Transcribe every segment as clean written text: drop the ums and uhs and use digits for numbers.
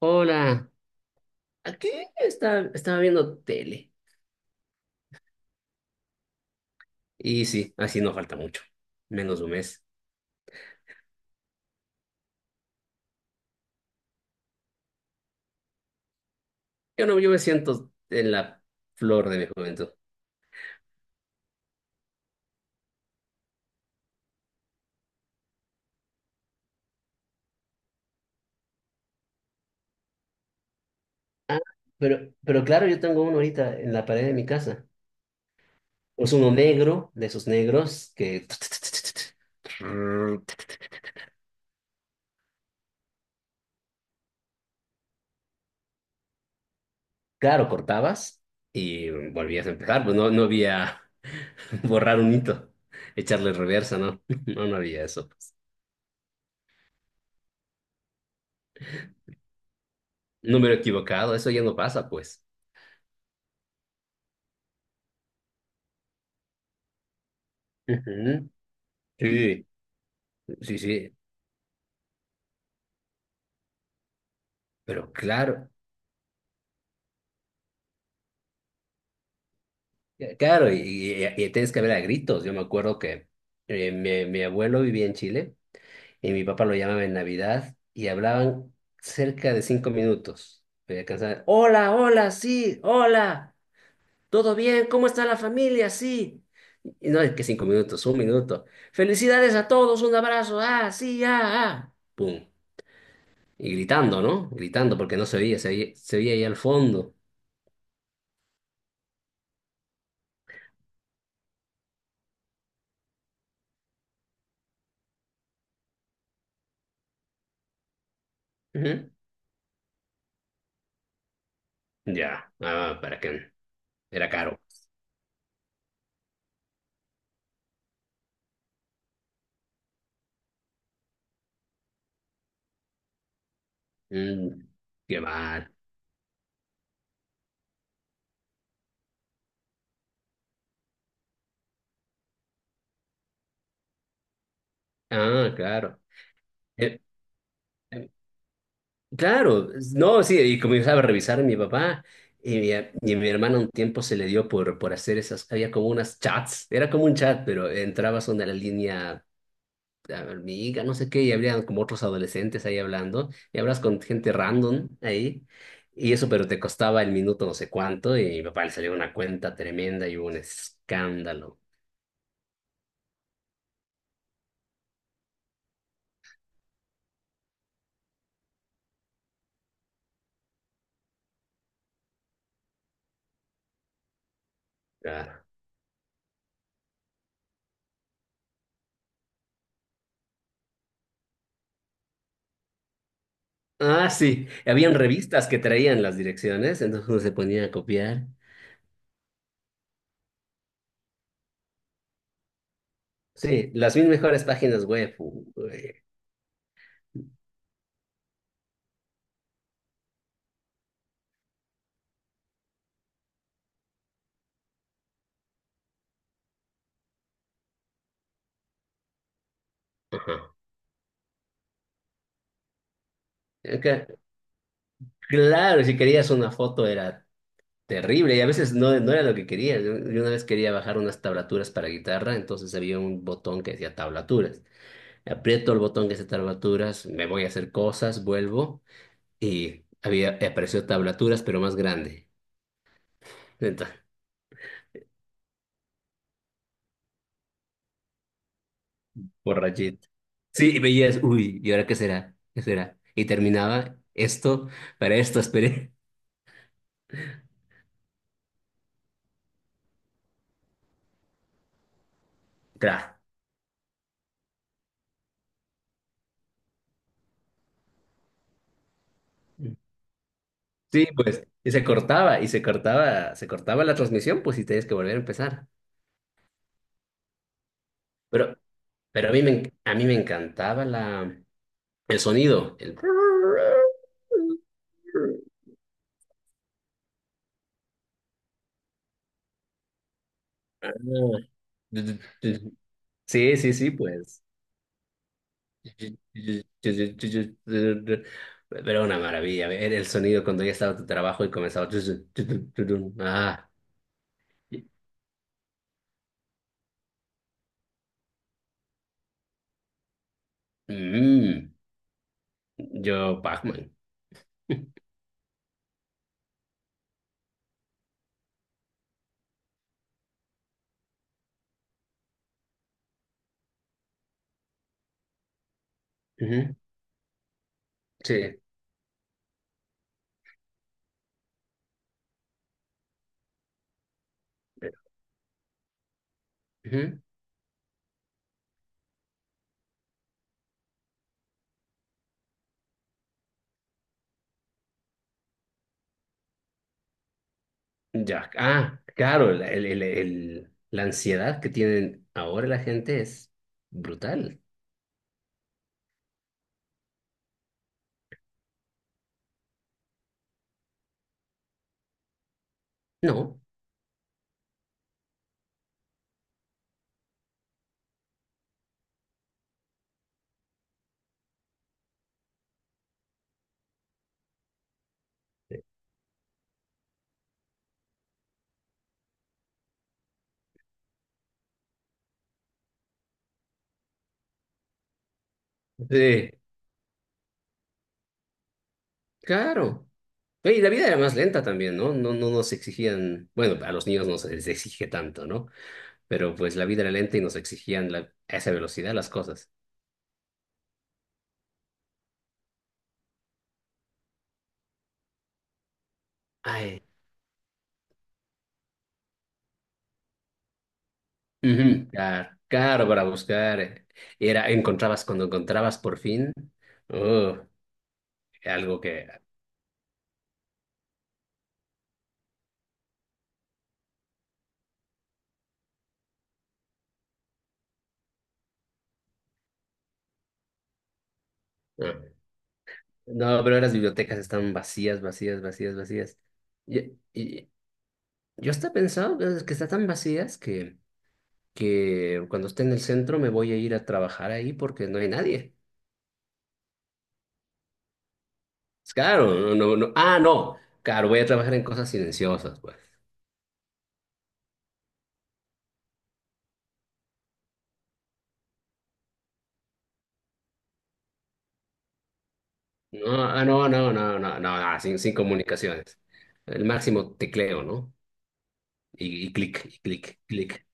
Hola, aquí estaba viendo tele. Y sí, así no falta mucho, menos de un mes. Yo no, yo me siento en la flor de mi juventud. Pero, pero claro, yo tengo uno ahorita en la pared de mi casa. Es uno negro, de esos negros que Claro, cortabas y volvías a empezar, pues no, no había borrar un hito, echarle reversa, ¿no? No, no había eso. Número equivocado, eso ya no pasa, pues. Ujú. Sí, sí, sí. Pero claro, claro, y tienes que ver a gritos. Yo me acuerdo que mi abuelo vivía en Chile y mi papá lo llamaba en Navidad y hablaban cerca de 5 minutos. Me alcanzaba, hola, hola, sí, hola, ¿todo bien? ¿Cómo está la familia? Sí. Y no es que 5 minutos, un minuto. Felicidades a todos, un abrazo, ah, sí, ah, ah. Pum. Y gritando, ¿no? Gritando porque no se oía, se oía, se oía ahí al fondo. Ujú. Ya, ah, para qué. Era caro. Mm, Qué mal. Ah, claro. Eh, eh, claro, no, sí, y comenzaba a revisar a mi papá y mi hermana un tiempo se le dio por hacer esas, había como unas chats, era como un chat, pero entrabas a una línea amiga, no sé qué, y habría como otros adolescentes ahí hablando, y hablas con gente random ahí, y eso, pero te costaba el minuto no sé cuánto, y mi papá le salió una cuenta tremenda y hubo un escándalo. Ah, Ah, sí. Habían revistas que traían las direcciones, entonces uno se ponía a copiar. Sí, las mil mejores páginas web. Eh, Ajá. Acá. Claro, si querías una foto era terrible y a veces no era lo que quería. Yo una vez quería bajar unas tablaturas para guitarra, entonces había un botón que decía tablaturas. Aprieto el botón que dice tablaturas, me voy a hacer cosas, vuelvo y apareció tablaturas, pero más grande. Entonces, sí, y veías, uy, ¿y ahora qué será? ¿Qué será? Y terminaba esto, para esto esperé. Tra. Sí, pues, y se cortaba la transmisión, pues, y tenías que volver a empezar. Pero, pero a mí me encantaba el sonido. Sí, sí, sí, pues. Pero una maravilla, ver el sonido cuando ya estaba tu trabajo y comenzaba. Ah. Mm, yo, Pac-Man. Ujú. Sí. Ujú. Ya. Ah, claro, la ansiedad que tienen ahora la gente es brutal. No. Sí, claro. Oye, y la vida era más lenta también, ¿no? No, no nos exigían, bueno, a los niños no se les exige tanto, ¿no? Pero pues la vida era lenta y nos exigían a esa velocidad las cosas. Ay. Ujú. Claro, claro, para buscar. Encontrabas cuando encontrabas por fin. Oh, algo que. No, pero las bibliotecas están vacías, vacías, vacías, vacías. Y yo hasta pensaba pues, que están tan vacías que cuando esté en el centro me voy a ir a trabajar ahí porque no hay nadie. Es claro, no, no, no. Ah, no, claro, voy a trabajar en cosas silenciosas, pues. No, ah, no, no, no, no, no, no, sin comunicaciones. El máximo tecleo, ¿no? Y clic, y clic, clic.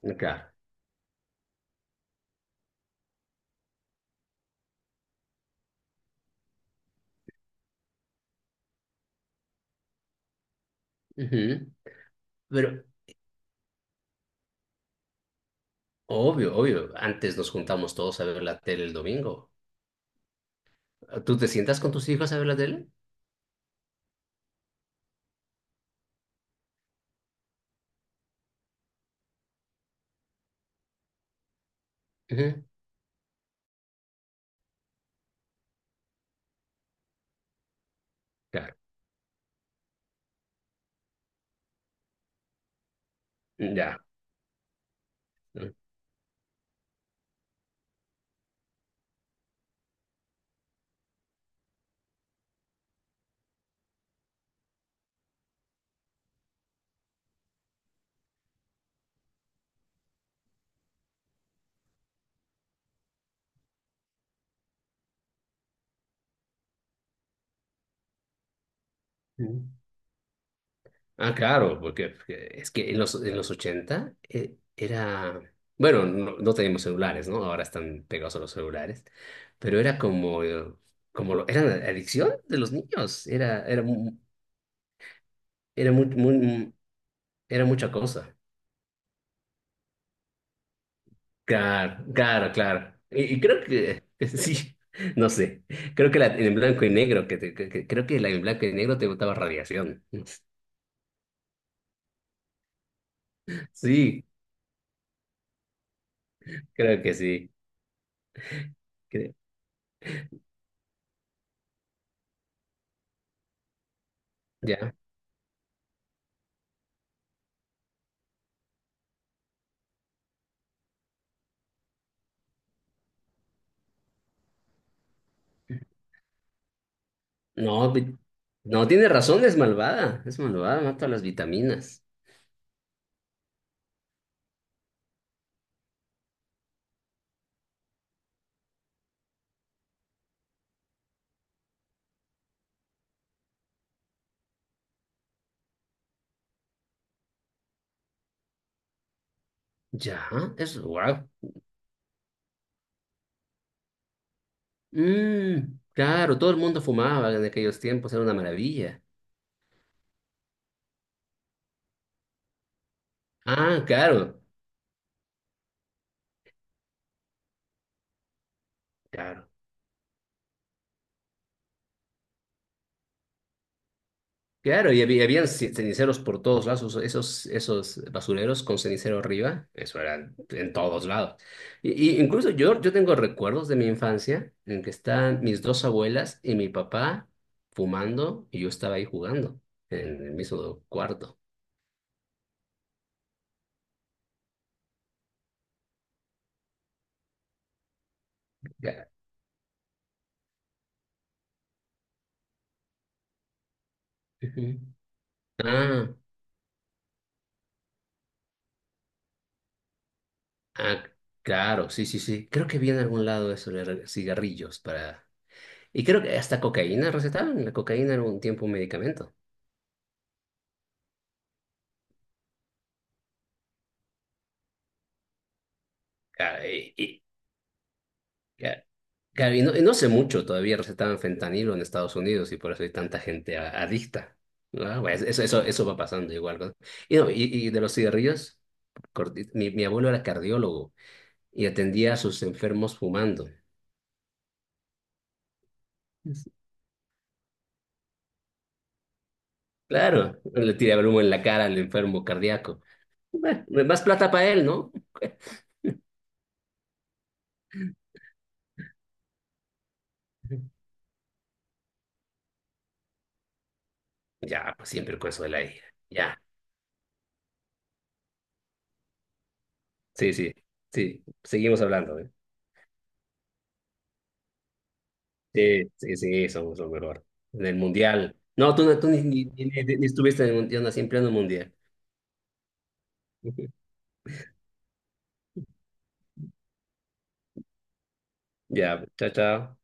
Claro. Ujú. Pero, obvio, obvio. Antes nos juntamos todos a ver la tele el domingo. ¿Tú te sientas con tus hijos a ver la tele? Ujú. Claro. Ya. Ujú. Ah, claro, porque es que en los 80 era. Bueno, no teníamos celulares, ¿no? Ahora están pegados a los celulares. Pero era como, como era la adicción de los niños. Era, era, mu- era, muy, muy, era mucha cosa. Claro, claro, claro. Y creo que sí, no sé. Creo que la en blanco y negro, que, te- que- creo que la en blanco y negro te botaba radiación. Sí, creo que sí. Cre- ya. No, no tiene razón, es malvada. Es malvada, mata las vitaminas. Ya, eso, wow. Claro, todo el mundo fumaba en aquellos tiempos, era una maravilla. Ah, claro, claro. Claro, y habían ceniceros por todos lados, esos basureros con cenicero arriba, eso era en todos lados. Y incluso yo tengo recuerdos de mi infancia en que están mis dos abuelas y mi papá fumando y yo estaba ahí jugando en el mismo cuarto. Ya. Ujú. Ah, ah, claro, sí, sí, sí. Creo que vi en algún lado eso de cigarrillos para. Y creo que hasta cocaína recetaban, la cocaína era un tiempo un medicamento. Ah, ya. Claro, y no sé mucho, todavía recetaban fentanilo en Estados Unidos y por eso hay tanta gente adicta. ¿No? Pues, eso va pasando igual. ¿No? No, y de los cigarrillos, mi abuelo era cardiólogo y atendía a sus enfermos fumando. Es- Claro, le tiraba el humo en la cara al enfermo cardíaco. Bueno, más plata para él, ¿no? Ya, pues siempre el consuela ahí. Ya, sí, sí, sí, seguimos hablando, ¿eh? Sí, sí, sí, somos lo mejor. En el mundial. No, tú ni estuviste en el mundial, no, siempre en el mundial. Ya, chao, chao.